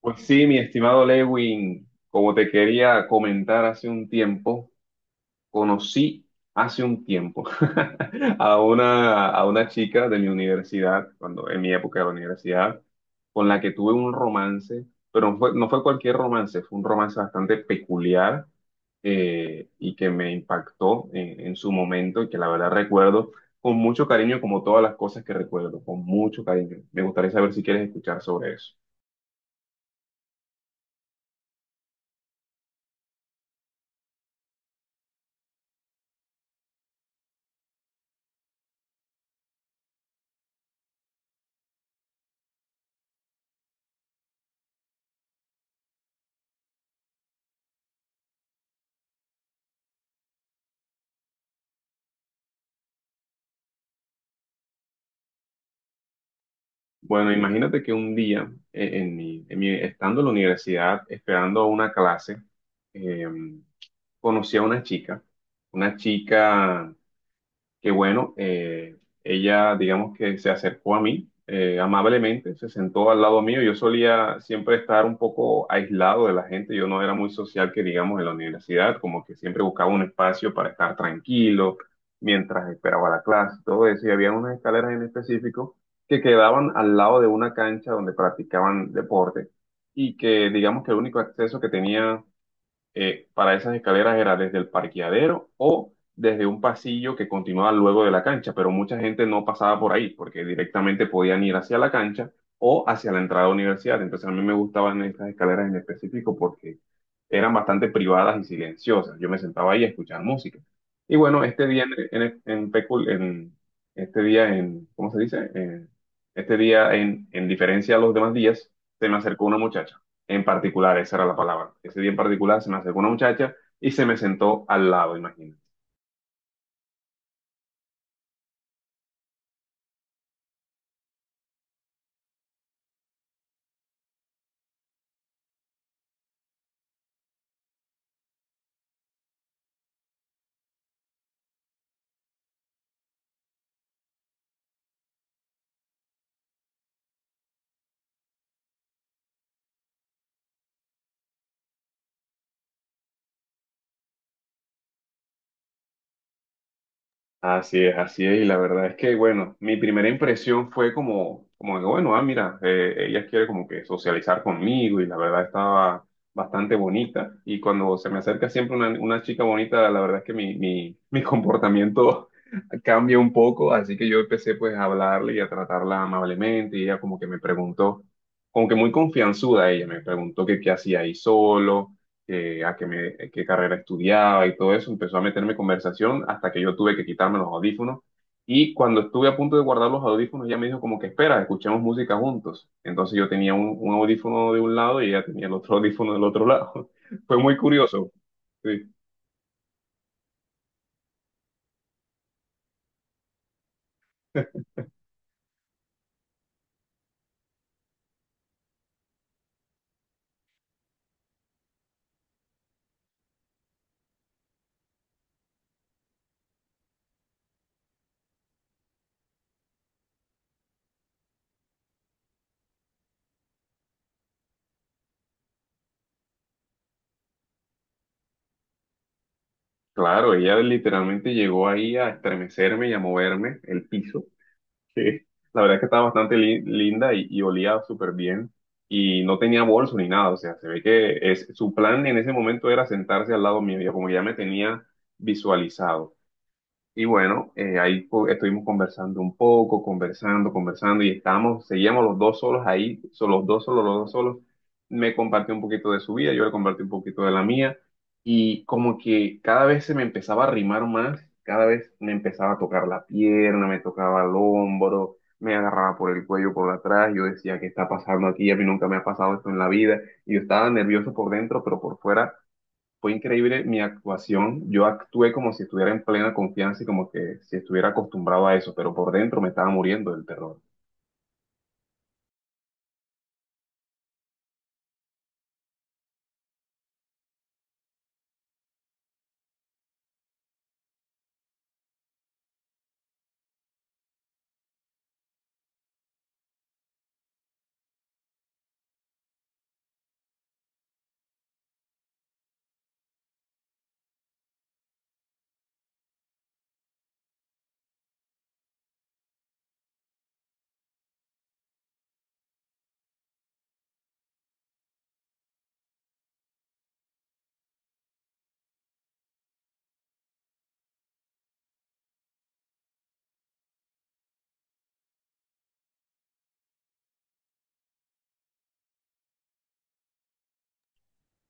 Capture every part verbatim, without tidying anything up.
Pues sí, mi estimado Lewin, como te quería comentar hace un tiempo, conocí hace un tiempo a una, a una chica de mi universidad, cuando en mi época de la universidad, con la que tuve un romance, pero no fue, no fue cualquier romance, fue un romance bastante peculiar eh, y que me impactó en, en su momento y que la verdad recuerdo con mucho cariño, como todas las cosas que recuerdo, con mucho cariño. Me gustaría saber si quieres escuchar sobre eso. Bueno, imagínate que un día, eh, en mi, en mi- estando en la universidad, esperando una clase, eh, conocí a una chica, una chica que bueno, eh, ella digamos que se acercó a mí eh, amablemente, se sentó al lado mío. Yo solía siempre estar un poco aislado de la gente, yo no era muy social que digamos en la universidad, como que siempre buscaba un espacio para estar tranquilo mientras esperaba la clase, todo eso, y había unas escaleras en específico que quedaban al lado de una cancha donde practicaban deporte y que digamos que el único acceso que tenía eh, para esas escaleras era desde el parqueadero o desde un pasillo que continuaba luego de la cancha, pero mucha gente no pasaba por ahí porque directamente podían ir hacia la cancha o hacia la entrada a la universidad. Entonces a mí me gustaban estas escaleras en específico porque eran bastante privadas y silenciosas. Yo me sentaba ahí a escuchar música. Y bueno, este día en, en, en pecul- en- este día en, ¿cómo se dice? En- este día en, en diferencia a los demás días, se me acercó una muchacha en particular, esa era la palabra. Ese día en particular se me acercó una muchacha y se me sentó al lado, imagínate. Así es, así es, y la verdad es que, bueno, mi primera impresión fue como, como que, bueno, ah, mira, eh, ella quiere como que socializar conmigo y la verdad estaba bastante bonita. Y cuando se me acerca siempre una, una chica bonita, la verdad es que mi, mi, mi comportamiento cambia un poco, así que yo empecé pues a hablarle y a tratarla amablemente y ella como que me preguntó, como que muy confianzuda ella, me preguntó que qué hacía ahí solo que, a qué, me, eh, qué carrera estudiaba y todo eso, empezó a meterme conversación hasta que yo tuve que quitarme los audífonos. Y cuando estuve a punto de guardar los audífonos, ella me dijo como que espera, escuchemos música juntos. Entonces yo tenía un, un audífono de un lado y ella tenía el otro audífono del otro lado. Fue muy curioso. Sí. Claro, ella literalmente llegó ahí a estremecerme y a moverme el piso. Sí, la verdad es que estaba bastante li- linda y, y olía súper bien y no tenía bolso ni nada, o sea, se ve que es, su plan en ese momento era sentarse al lado mío, ya como ya me tenía visualizado. Y bueno, eh, ahí fu- estuvimos conversando un poco, conversando, conversando y estábamos, seguíamos los dos solos ahí, solo los dos solos, los dos solos. Me compartió un poquito de su vida, yo le compartí un poquito de la mía y como que cada vez se me empezaba a arrimar más, cada vez me empezaba a tocar la pierna, me tocaba el hombro, me agarraba por el cuello por atrás, yo decía, ¿qué está pasando aquí? A mí nunca me ha pasado esto en la vida y yo estaba nervioso por dentro, pero por fuera fue increíble mi actuación. Yo actué como si estuviera en plena confianza y como que si estuviera acostumbrado a eso, pero por dentro me estaba muriendo del terror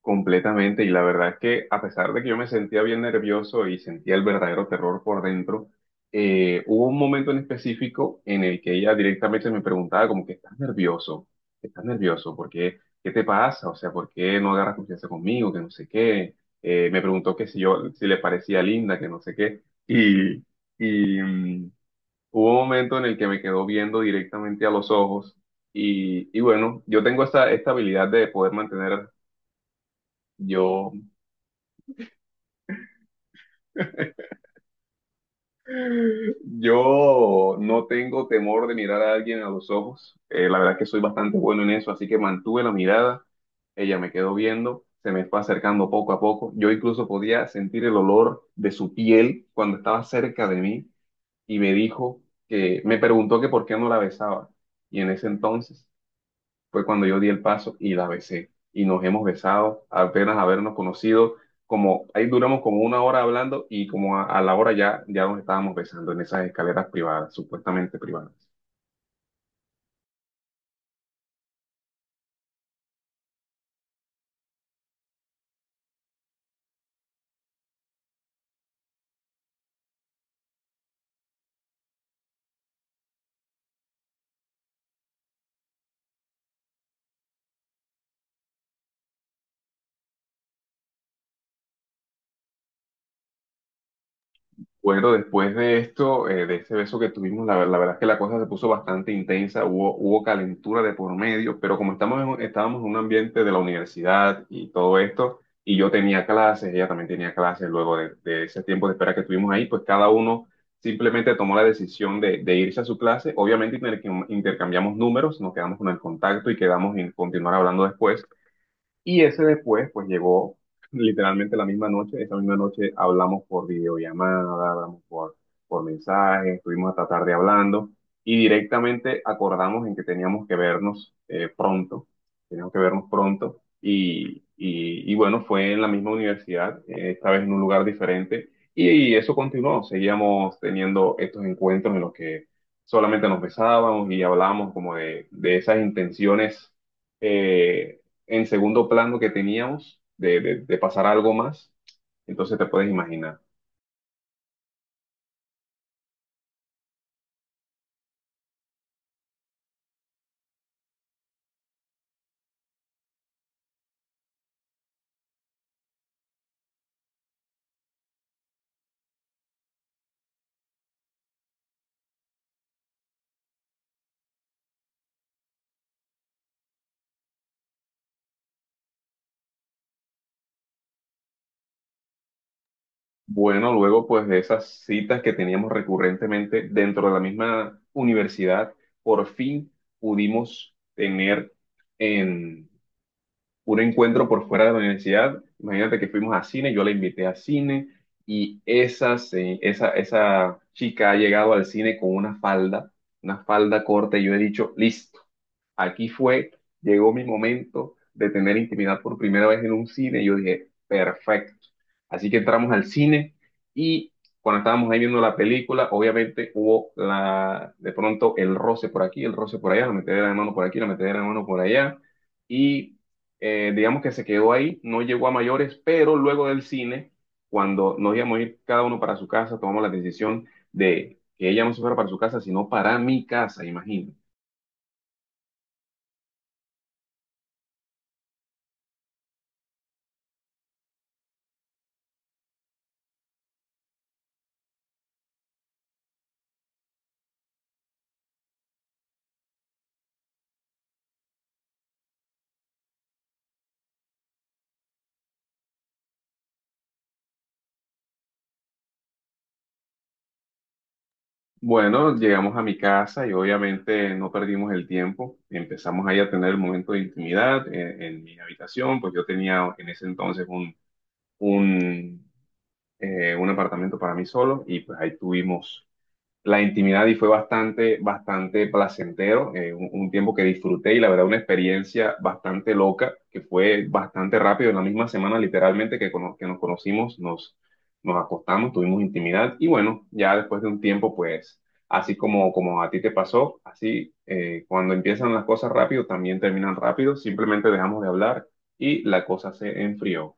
completamente. Y la verdad es que a pesar de que yo me sentía bien nervioso y sentía el verdadero terror por dentro, eh, hubo un momento en específico en el que ella directamente me preguntaba como que estás nervioso, estás nervioso, ¿por qué? ¿Qué te pasa? O sea, ¿por qué no agarras confianza conmigo? Que no sé qué. Eh, me preguntó que si yo, si le parecía linda, que no sé qué. Y, y, mm, Hubo un momento en el que me quedó viendo directamente a los ojos y, y bueno, yo tengo esta, esta habilidad de poder mantener, yo, yo no tengo temor de mirar a alguien a los ojos. Eh, la verdad es que soy bastante bueno en eso, así que mantuve la mirada, ella me quedó viendo, se me fue acercando poco a poco, yo incluso podía sentir el olor de su piel cuando estaba cerca de mí y me dijo que, me preguntó que por qué no la besaba y en ese entonces fue cuando yo di el paso y la besé. Y nos hemos besado, apenas habernos conocido, como ahí duramos como una hora hablando y como a, a la hora ya, ya nos estábamos besando en esas escaleras privadas, supuestamente privadas. Bueno, después de esto, eh, de ese beso que tuvimos, la, ver- la verdad es que la cosa se puso bastante intensa, hubo, hubo calentura de por medio, pero como estamos en un- estábamos en un ambiente de la universidad y todo esto, y yo tenía clases, ella también tenía clases, luego de, de ese tiempo de espera que tuvimos ahí, pues cada uno simplemente tomó la decisión de, de irse a su clase. Obviamente intercam- intercambiamos números, nos quedamos con el contacto y quedamos en continuar hablando después. Y ese después, pues llegó literalmente la misma noche. Esa misma noche hablamos por videollamada, hablamos por, por mensaje, estuvimos hasta tarde hablando y directamente acordamos en que teníamos que vernos eh, pronto. Teníamos que vernos pronto. Y, y, y bueno, fue en la misma universidad, eh, esta vez en un lugar diferente. Y eso continuó. Seguíamos teniendo estos encuentros en los que solamente nos besábamos y hablábamos como de, de esas intenciones eh, en segundo plano que teníamos de, de- de pasar a algo más, entonces te puedes imaginar. Bueno, luego pues de esas citas que teníamos recurrentemente dentro de la misma universidad, por fin pudimos tener en un encuentro por fuera de la universidad. Imagínate que fuimos a cine, yo la invité a cine y esa, se- esa, esa chica ha llegado al cine con una falda, una falda corta y yo he dicho, listo. Aquí fue, llegó mi momento de tener intimidad por primera vez en un cine y yo dije, perfecto. Así que entramos al cine y cuando estábamos ahí viendo la película, obviamente hubo la, de pronto el roce por aquí, el roce por allá, la metedera de mano por aquí, la metedera de mano por allá y eh, digamos que se quedó ahí, no llegó a mayores, pero luego del cine, cuando nos íbamos a ir cada uno para su casa, tomamos la decisión de que ella no se fuera para su casa, sino para mi casa, imagínate. Bueno, llegamos a mi casa y obviamente no perdimos el tiempo. Empezamos ahí a tener el momento de intimidad en, en mi habitación, pues yo tenía en ese entonces un, un, eh, un apartamento para mí solo y pues ahí tuvimos la intimidad y fue bastante, bastante placentero, eh, un, un tiempo que disfruté y la verdad una experiencia bastante loca, que fue bastante rápido, en la misma semana literalmente que, cono- que nos conocimos, nos, nos acostamos, tuvimos intimidad y bueno, ya después de un tiempo pues, así como, como a ti te pasó, así eh, cuando empiezan las cosas rápido también terminan rápido, simplemente dejamos de hablar y la cosa se enfrió.